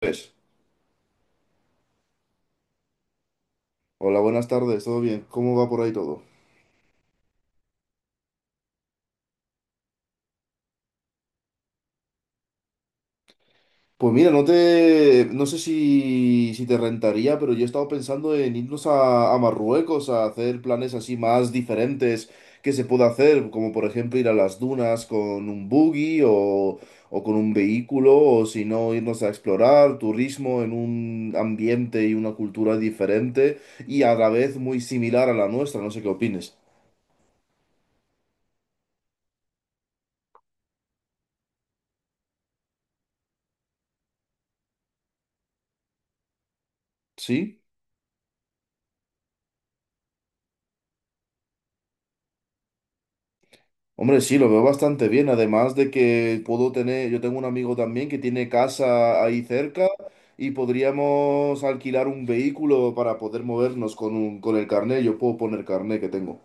Pues, hola, buenas tardes, ¿todo bien? ¿Cómo va por ahí todo? Pues mira, no sé si te rentaría, pero yo he estado pensando en irnos a Marruecos a hacer planes así más diferentes que se pueda hacer, como por ejemplo ir a las dunas con un buggy o con un vehículo, o si no, irnos a explorar turismo en un ambiente y una cultura diferente y a la vez muy similar a la nuestra, no sé qué opines. ¿Sí? Hombre, sí, lo veo bastante bien. Además de que puedo tener, yo tengo un amigo también que tiene casa ahí cerca y podríamos alquilar un vehículo para poder movernos con el carnet. Yo puedo poner carnet que tengo.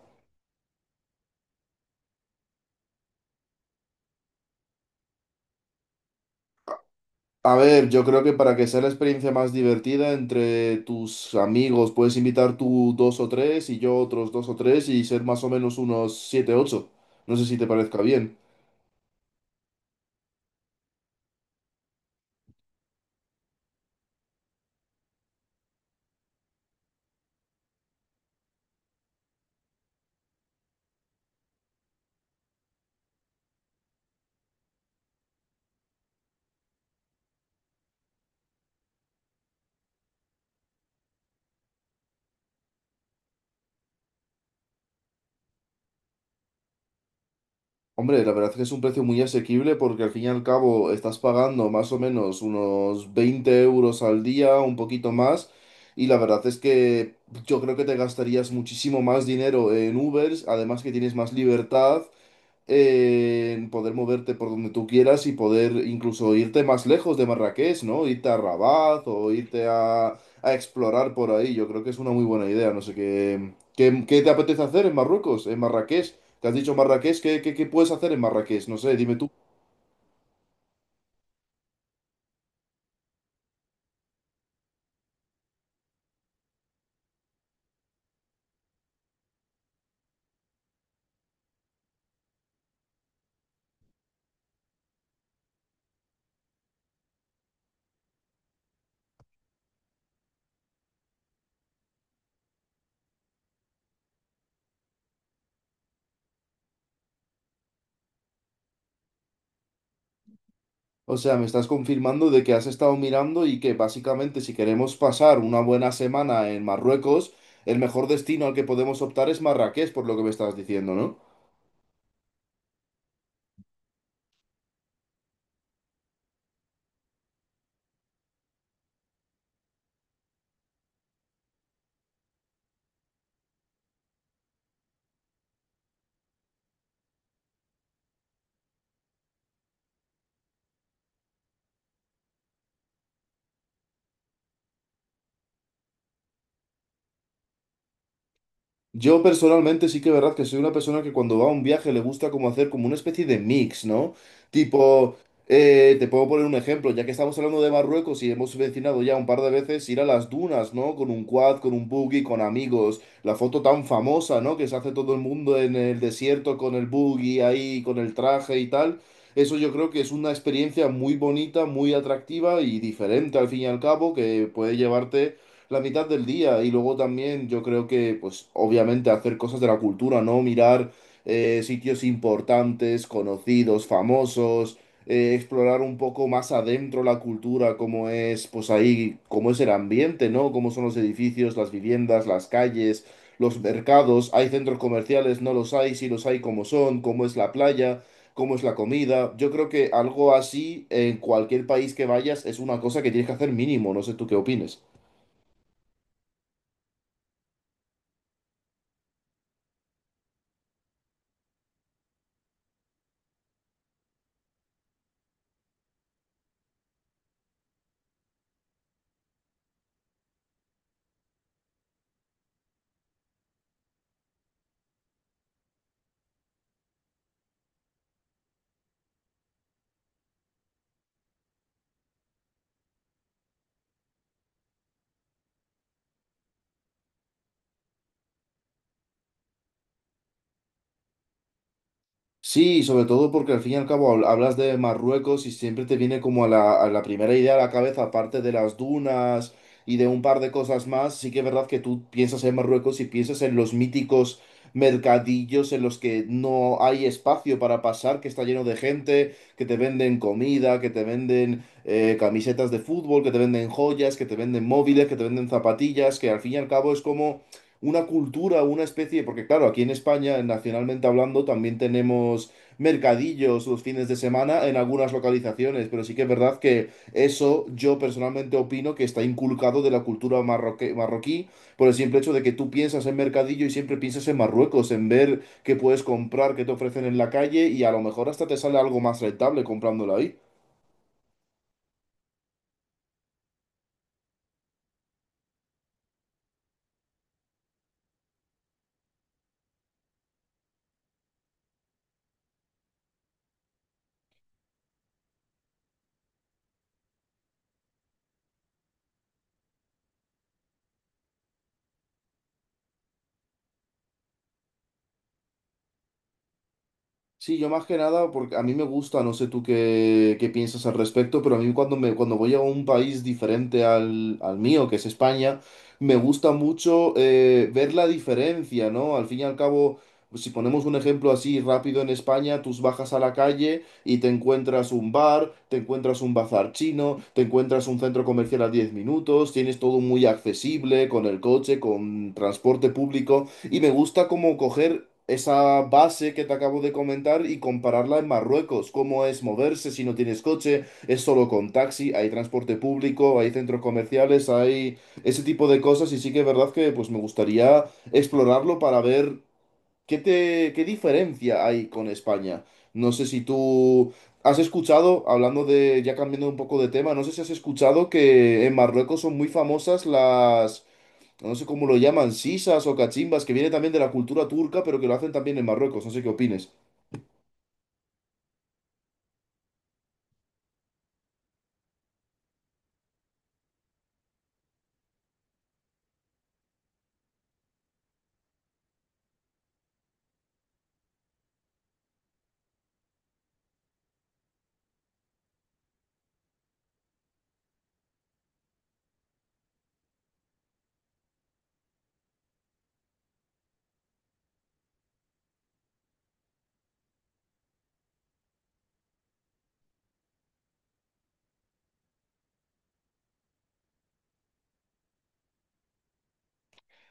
A ver, yo creo que para que sea la experiencia más divertida entre tus amigos, puedes invitar tú dos o tres y yo otros dos o tres y ser más o menos unos siete, ocho. No sé si te parezca bien. Hombre, la verdad es que es un precio muy asequible porque al fin y al cabo estás pagando más o menos unos 20 euros al día, un poquito más, y la verdad es que yo creo que te gastarías muchísimo más dinero en Ubers, además que tienes más libertad en poder moverte por donde tú quieras y poder incluso irte más lejos de Marrakech, ¿no? Irte a Rabat o irte a explorar por ahí. Yo creo que es una muy buena idea. No sé qué te apetece hacer en Marruecos, en Marrakech. ¿Te has dicho Marrakech? ¿ qué puedes hacer en Marrakech? No sé, dime tú. O sea, me estás confirmando de que has estado mirando y que básicamente si queremos pasar una buena semana en Marruecos, el mejor destino al que podemos optar es Marrakech, por lo que me estás diciendo, ¿no? Yo personalmente sí que es verdad que soy una persona que cuando va a un viaje le gusta como hacer como una especie de mix, ¿no? Tipo, te puedo poner un ejemplo, ya que estamos hablando de Marruecos y hemos mencionado ya un par de veces ir a las dunas, ¿no? Con un quad, con un buggy, con amigos, la foto tan famosa, ¿no? Que se hace todo el mundo en el desierto con el buggy ahí, con el traje y tal. Eso yo creo que es una experiencia muy bonita, muy atractiva y diferente al fin y al cabo, que puede llevarte la mitad del día. Y luego también yo creo que, pues obviamente hacer cosas de la cultura, ¿no? Mirar sitios importantes, conocidos, famosos, explorar un poco más adentro la cultura, cómo es, pues ahí, cómo es el ambiente, ¿no? Cómo son los edificios, las viviendas, las calles, los mercados. ¿Hay centros comerciales? ¿No los hay? Si los hay, ¿cómo son? ¿Cómo es la playa? ¿Cómo es la comida? Yo creo que algo así en cualquier país que vayas es una cosa que tienes que hacer mínimo. No sé tú qué opines. Sí, sobre todo porque al fin y al cabo hablas de Marruecos y siempre te viene como a a la primera idea a la cabeza, aparte de las dunas y de un par de cosas más, sí que es verdad que tú piensas en Marruecos y piensas en los míticos mercadillos en los que no hay espacio para pasar, que está lleno de gente, que te venden comida, que te venden camisetas de fútbol, que te venden joyas, que te venden móviles, que te venden zapatillas, que al fin y al cabo es como una cultura, una especie, porque claro, aquí en España, nacionalmente hablando, también tenemos mercadillos los fines de semana en algunas localizaciones, pero sí que es verdad que eso yo personalmente opino que está inculcado de la cultura marroquí por el simple hecho de que tú piensas en mercadillo y siempre piensas en Marruecos, en ver qué puedes comprar, qué te ofrecen en la calle y a lo mejor hasta te sale algo más rentable comprándolo ahí. Sí, yo más que nada, porque a mí me gusta, no sé tú qué, qué piensas al respecto, pero a mí cuando voy a un país diferente al mío, que es España, me gusta mucho ver la diferencia, ¿no? Al fin y al cabo, si ponemos un ejemplo así rápido en España, tú bajas a la calle y te encuentras un bar, te encuentras un bazar chino, te encuentras un centro comercial a 10 minutos, tienes todo muy accesible, con el coche, con transporte público. Y me gusta como coger esa base que te acabo de comentar y compararla en Marruecos. ¿Cómo es moverse si no tienes coche? ¿Es solo con taxi? ¿Hay transporte público? ¿Hay centros comerciales? ¿Hay ese tipo de cosas? Y sí que es verdad que pues me gustaría explorarlo para ver qué diferencia hay con España. No sé si tú has escuchado, hablando de, ya cambiando un poco de tema, no sé si has escuchado que en Marruecos son muy famosas las no sé cómo lo llaman, sisas o cachimbas, que viene también de la cultura turca, pero que lo hacen también en Marruecos, no sé qué opines.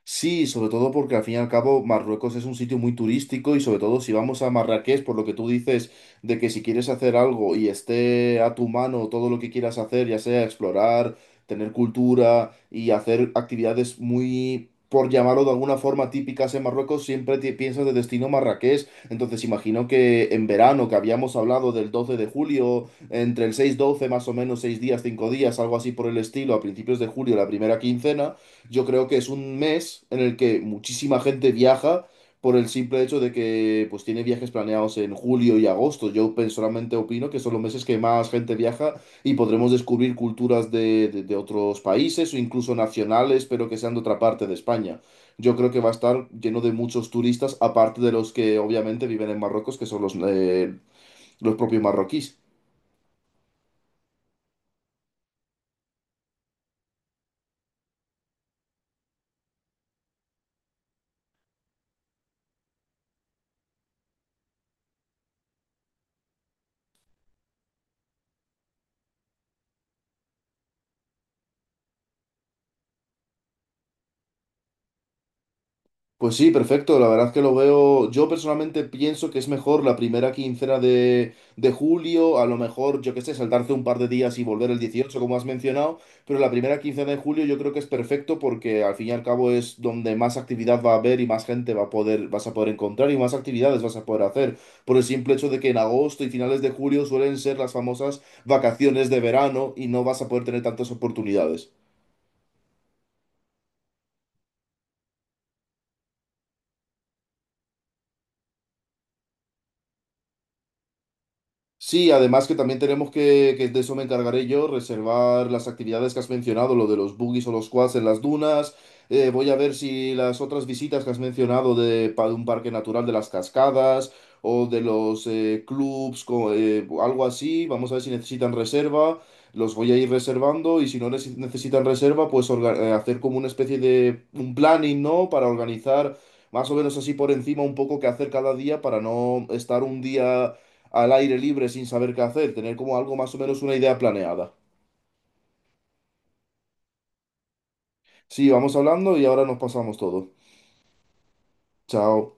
Sí, sobre todo porque al fin y al cabo Marruecos es un sitio muy turístico y sobre todo si vamos a Marrakech, por lo que tú dices de que si quieres hacer algo y esté a tu mano todo lo que quieras hacer, ya sea explorar, tener cultura y hacer actividades muy, por llamarlo de alguna forma, típicas en Marruecos, siempre te piensas de destino Marrakech. Entonces imagino que en verano, que habíamos hablado del 12 de julio, entre el 6-12 más o menos, 6 días, 5 días, algo así por el estilo, a principios de julio, la primera quincena. Yo creo que es un mes en el que muchísima gente viaja por el simple hecho de que pues tiene viajes planeados en julio y agosto. Yo personalmente opino que son los meses que más gente viaja y podremos descubrir culturas de otros países o incluso nacionales, pero que sean de otra parte de España. Yo creo que va a estar lleno de muchos turistas, aparte de los que obviamente viven en Marruecos, que son los propios marroquíes. Pues sí, perfecto. La verdad que lo veo. Yo personalmente pienso que es mejor la primera quincena de julio. A lo mejor, yo qué sé, saltarse un par de días y volver el 18 como has mencionado. Pero la primera quincena de julio yo creo que es perfecto porque al fin y al cabo es donde más actividad va a haber y más gente va a poder, vas a poder encontrar y más actividades vas a poder hacer. Por el simple hecho de que en agosto y finales de julio suelen ser las famosas vacaciones de verano y no vas a poder tener tantas oportunidades. Sí, además que también tenemos que de eso me encargaré yo, reservar las actividades que has mencionado, lo de los buggies o los quads en las dunas. Voy a ver si las otras visitas que has mencionado de un parque natural de las cascadas o de los clubs, algo así, vamos a ver si necesitan reserva, los voy a ir reservando y si no necesitan reserva, pues hacer como una especie de un planning, ¿no? Para organizar más o menos así por encima un poco qué hacer cada día para no estar un día al aire libre sin saber qué hacer, tener como algo más o menos una idea planeada. Sí, vamos hablando y ahora nos pasamos todo. Chao.